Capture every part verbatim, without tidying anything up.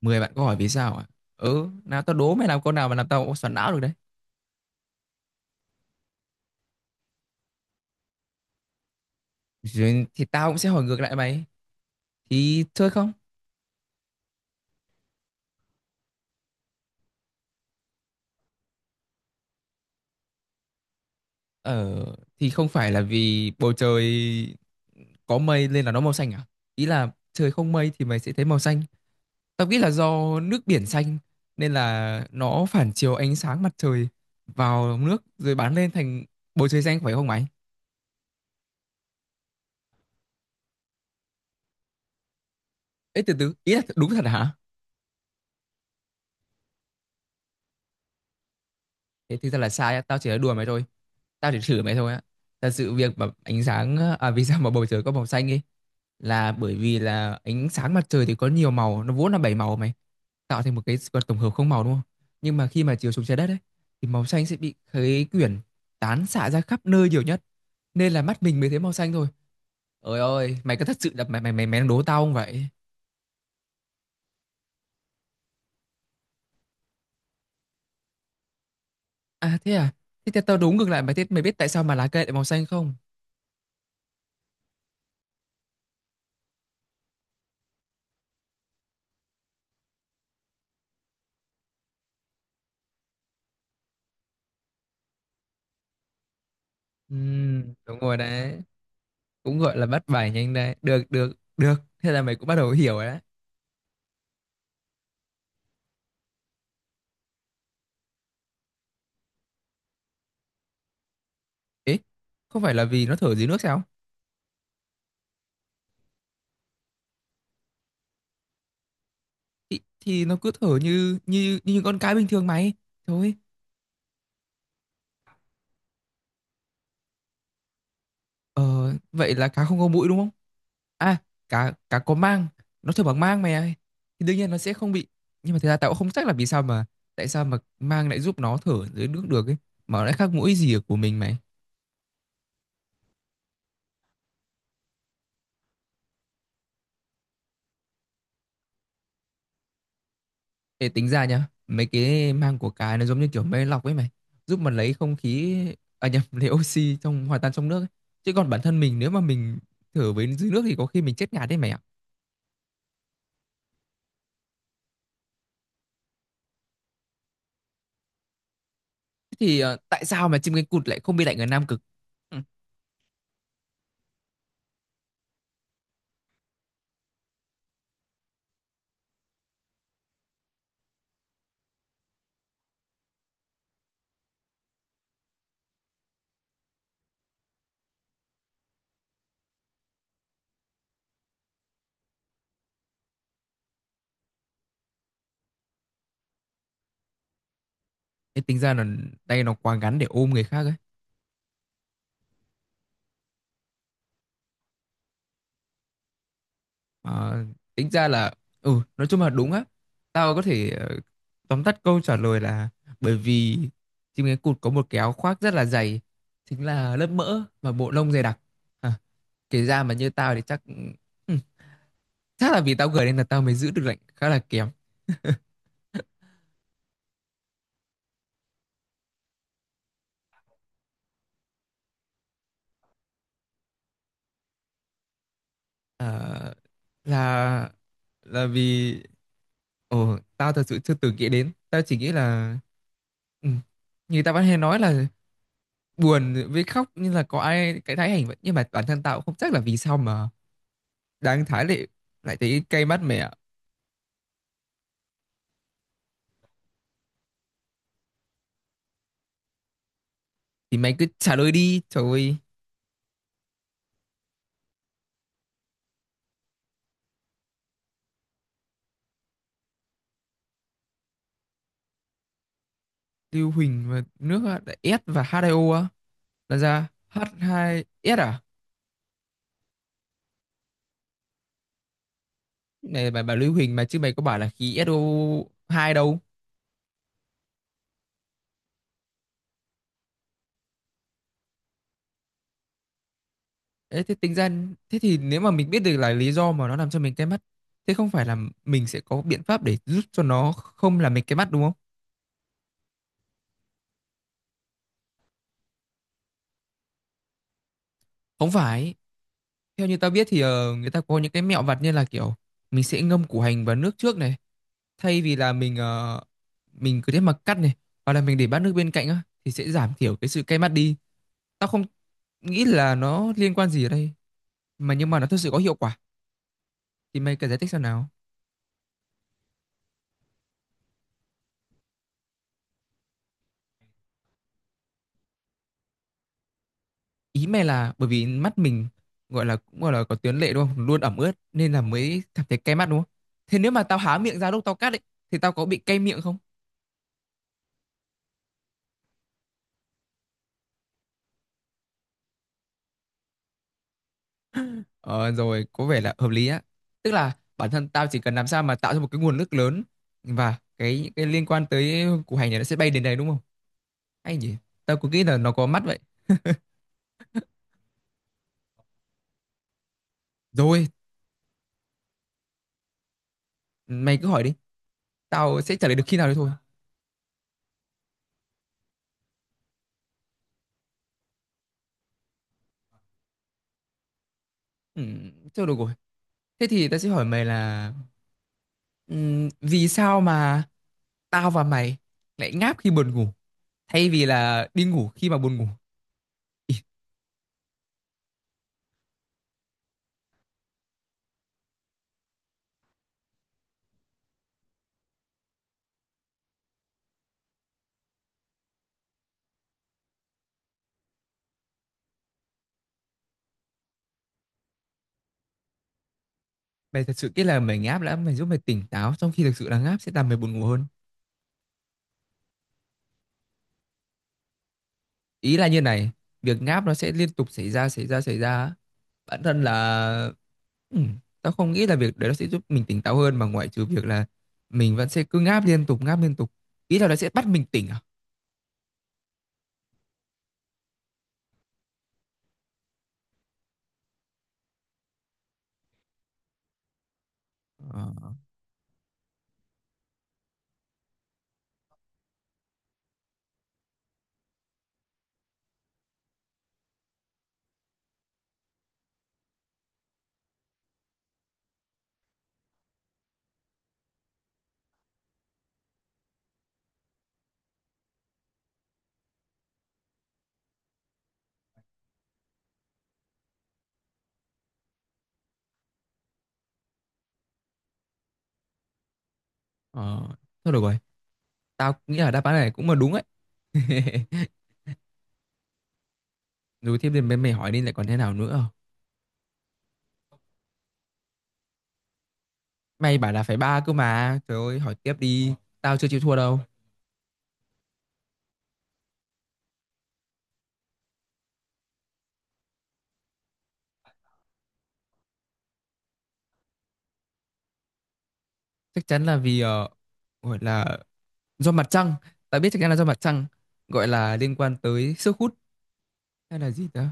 Mười bạn có hỏi vì sao à? Ừ, nào tao đố mày làm câu nào mà làm tao xoắn não được đấy. Rồi thì tao cũng sẽ hỏi ngược lại mày. Thì chơi không? Ờ, thì không phải là vì bầu trời có mây nên là nó màu xanh à? Ý là trời không mây thì mày sẽ thấy màu xanh. Tao nghĩ là do nước biển xanh nên là nó phản chiếu ánh sáng mặt trời vào nước rồi bắn lên thành bầu trời xanh phải không mày? Ê từ từ, ý là đúng thật hả? Thế thực ra là sai á, tao chỉ là đùa mày thôi, tao chỉ thử mày thôi á. Thật sự việc mà ánh sáng à, vì sao mà bầu trời có màu xanh ấy là bởi vì là ánh sáng mặt trời thì có nhiều màu, nó vốn là bảy màu mày, tạo thành một cái vật tổng hợp không màu đúng không. Nhưng mà khi mà chiếu xuống trái đất ấy thì màu xanh sẽ bị khấy quyển tán xạ ra khắp nơi nhiều nhất nên là mắt mình mới thấy màu xanh thôi. Ơi ơi, mày có thật sự là mày mày mày mày đang đố tao không vậy? À thế à? Thế tao tao đố ngược lại mày, thế mày biết tại sao mà lá cây lại màu xanh không? Ừ, đúng rồi đấy, cũng gọi là bắt bài nhanh đây, được được được, thế là mày cũng bắt đầu hiểu rồi đấy. Ấy, không phải là vì nó thở dưới nước sao? Thì, thì nó cứ thở như như như con cá bình thường mày thôi. ờ Vậy là cá không có mũi đúng không? à cá cá có mang, nó thở bằng mang mày ơi, thì đương nhiên nó sẽ không bị. Nhưng mà thật ra tao cũng không chắc là vì sao mà tại sao mà mang lại giúp nó thở dưới nước được ấy, mà nó lại khác mũi gì ở của mình mày. Để tính ra nhá, mấy cái mang của cái nó giống như kiểu máy lọc ấy mày, giúp mà lấy không khí, à nhầm, lấy oxy trong hòa tan trong nước ấy. Chứ còn bản thân mình nếu mà mình thở với dưới nước thì có khi mình chết ngạt đấy mày ạ. Thế thì ờ, tại sao mà chim cánh cụt lại không bị lạnh ở Nam Cực? Ừ. Thế tính ra là tay nó quá ngắn để ôm người khác ấy. Mà tính ra là ừ, nói chung là đúng á. Tao có thể ờ, tóm tắt câu trả lời là bởi vì chim cánh cụt có một cái áo khoác rất là dày, chính là lớp mỡ và bộ lông dày đặc. À, kể ra mà như tao thì chắc ừ, chắc là vì tao gửi nên là tao mới giữ được lệnh khá là kém. Ờ, là là vì ồ tao thật sự chưa từng nghĩ đến, tao chỉ nghĩ là ừ, như tao vẫn hay nói là buồn với khóc nhưng là có ai cái thái hành vậy, nhưng mà bản thân tao cũng không chắc là vì sao mà đang thái lại lại thấy cay mắt mày ạ. Thì mày cứ trả lời đi trời ơi. Lưu Huỳnh và nước á, là S và hát hai ô á, là ra hát hai ét à? Này bà, bà Lưu Huỳnh mà chứ, mày có bảo là khí ét ô hai đâu. Đấy, thế tính ra thế thì nếu mà mình biết được là lý do mà nó làm cho mình cay mắt, thế không phải là mình sẽ có biện pháp để giúp cho nó không làm mình cay mắt đúng không? Không phải, theo như tao biết thì ờ, người ta có những cái mẹo vặt như là kiểu mình sẽ ngâm củ hành vào nước trước này, thay vì là mình ờ, mình cứ thế mà cắt này, hoặc là mình để bát nước bên cạnh á thì sẽ giảm thiểu cái sự cay mắt đi. Tao không nghĩ là nó liên quan gì ở đây mà, nhưng mà nó thực sự có hiệu quả. Thì mày cần giải thích xem nào. Ý mày là bởi vì mắt mình gọi là cũng gọi là có tuyến lệ đúng không, luôn ẩm ướt nên là mới cảm thấy cay mắt đúng không? Thế nếu mà tao há miệng ra lúc tao cắt ấy thì tao có bị cay miệng không? ờ Rồi có vẻ là hợp lý á, tức là bản thân tao chỉ cần làm sao mà tạo ra một cái nguồn nước lớn và cái cái liên quan tới củ hành này nó sẽ bay đến đây đúng không? Hay nhỉ. Tao cứ nghĩ là nó có mắt vậy. Rồi mày cứ hỏi đi, tao sẽ trả lời được khi nào đấy thôi. Ừ, thôi được rồi, thế thì tao sẽ hỏi mày là Ừm, vì sao mà tao và mày lại ngáp khi buồn ngủ thay vì là đi ngủ khi mà buồn ngủ? Ý, mày thật sự nghĩ là mày ngáp đã mày giúp mày tỉnh táo, trong khi thực sự là ngáp sẽ làm mày buồn ngủ hơn? Ý là như này, việc ngáp nó sẽ liên tục xảy ra xảy ra xảy ra á. Bản thân là ừm, tao không nghĩ là việc đấy nó sẽ giúp mình tỉnh táo hơn mà, ngoại trừ việc là mình vẫn sẽ cứ ngáp liên tục ngáp liên tục, ý là nó sẽ bắt mình tỉnh à? Ờ, ờ. Thôi được rồi, tao nghĩ là đáp án này cũng là đúng ấy. Rồi tiếp đến mày, mày hỏi đi lại còn thế nào nữa. Mày bảo là phải ba cơ mà. Trời ơi, hỏi tiếp đi. Tao chưa chịu thua đâu. Chắc chắn là vì ờ, gọi là do mặt trăng. Tao biết chắc chắn là do mặt trăng. Gọi là liên quan tới sức hút hay là gì đó.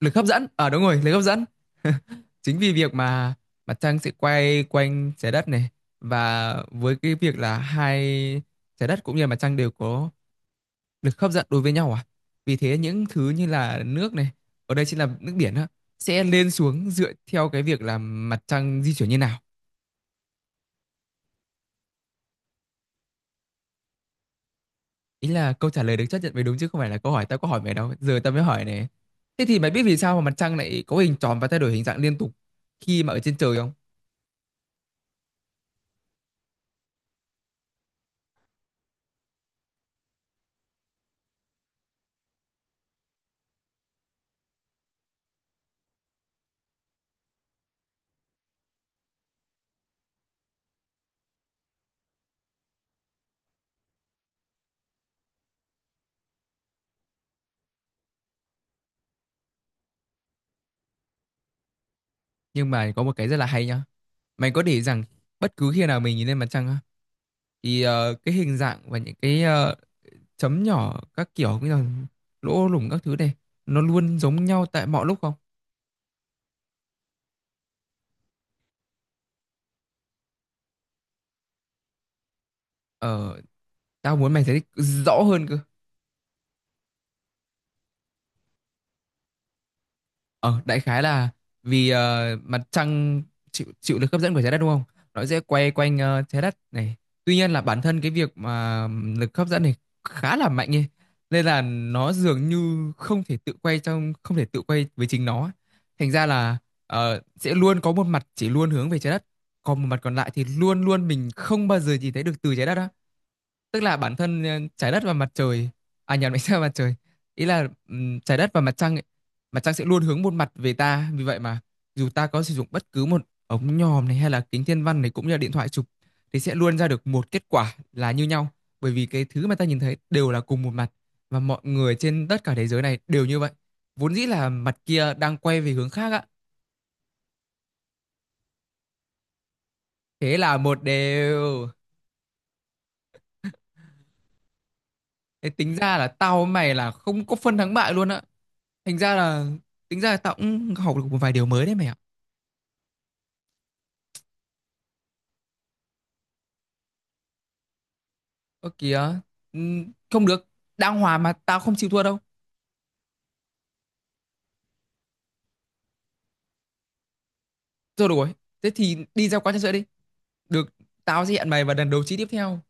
Lực hấp dẫn. Ờ à, đúng rồi, lực hấp dẫn. Chính vì việc mà mặt trăng sẽ quay quanh trái đất này, và với cái việc là hai, trái đất cũng như là mặt trăng đều có lực hấp dẫn đối với nhau à, vì thế những thứ như là nước này, ở đây chính là nước biển á, sẽ lên xuống dựa theo cái việc là mặt trăng di chuyển như nào. Ý là câu trả lời được chấp nhận mới đúng, chứ không phải là câu hỏi, tao có hỏi mày đâu, giờ tao mới hỏi này. Thế thì mày biết vì sao mà mặt trăng lại có hình tròn và thay đổi hình dạng liên tục khi mà ở trên trời không? Nhưng mà có một cái rất là hay nhá, mày có để ý rằng bất cứ khi nào mình nhìn lên mặt trăng á thì ờ, cái hình dạng và những cái ờ, chấm nhỏ các kiểu cũng như là lỗ lủng các thứ này nó luôn giống nhau tại mọi lúc không? Ờ. Tao muốn mày giải thích rõ hơn cơ. Ờ, đại khái là vì ờ, mặt trăng chịu chịu lực hấp dẫn của trái đất đúng không? Nó sẽ quay quanh ờ, trái đất này. Tuy nhiên là bản thân cái việc mà lực hấp dẫn này khá là mạnh ấy, nên là nó dường như không thể tự quay trong không thể tự quay với chính nó ấy. Thành ra là ờ, sẽ luôn có một mặt chỉ luôn hướng về trái đất, còn một mặt còn lại thì luôn luôn mình không bao giờ nhìn thấy được từ trái đất á. Tức là bản thân ờ, trái đất và mặt trời, à nhầm, ánh sao và mặt trời, ý là ừm, trái đất và mặt trăng ấy, mặt trăng sẽ luôn hướng một mặt về ta. Vì vậy mà dù ta có sử dụng bất cứ một ống nhòm này hay là kính thiên văn này cũng như là điện thoại chụp thì sẽ luôn ra được một kết quả là như nhau, bởi vì cái thứ mà ta nhìn thấy đều là cùng một mặt, và mọi người trên tất cả thế giới này đều như vậy, vốn dĩ là mặt kia đang quay về hướng khác á. Thế là một đều, thế tính ra là tao với mày là không có phân thắng bại luôn á. Thành ra là tính ra là tao cũng học được một vài điều mới đấy mày ạ. Ơ kìa, ừm, không được, đang hòa mà tao không chịu thua đâu. Rồi được rồi, thế thì đi ra quán trà sữa đi. Được, tao sẽ hẹn mày vào lần đấu trí tiếp theo.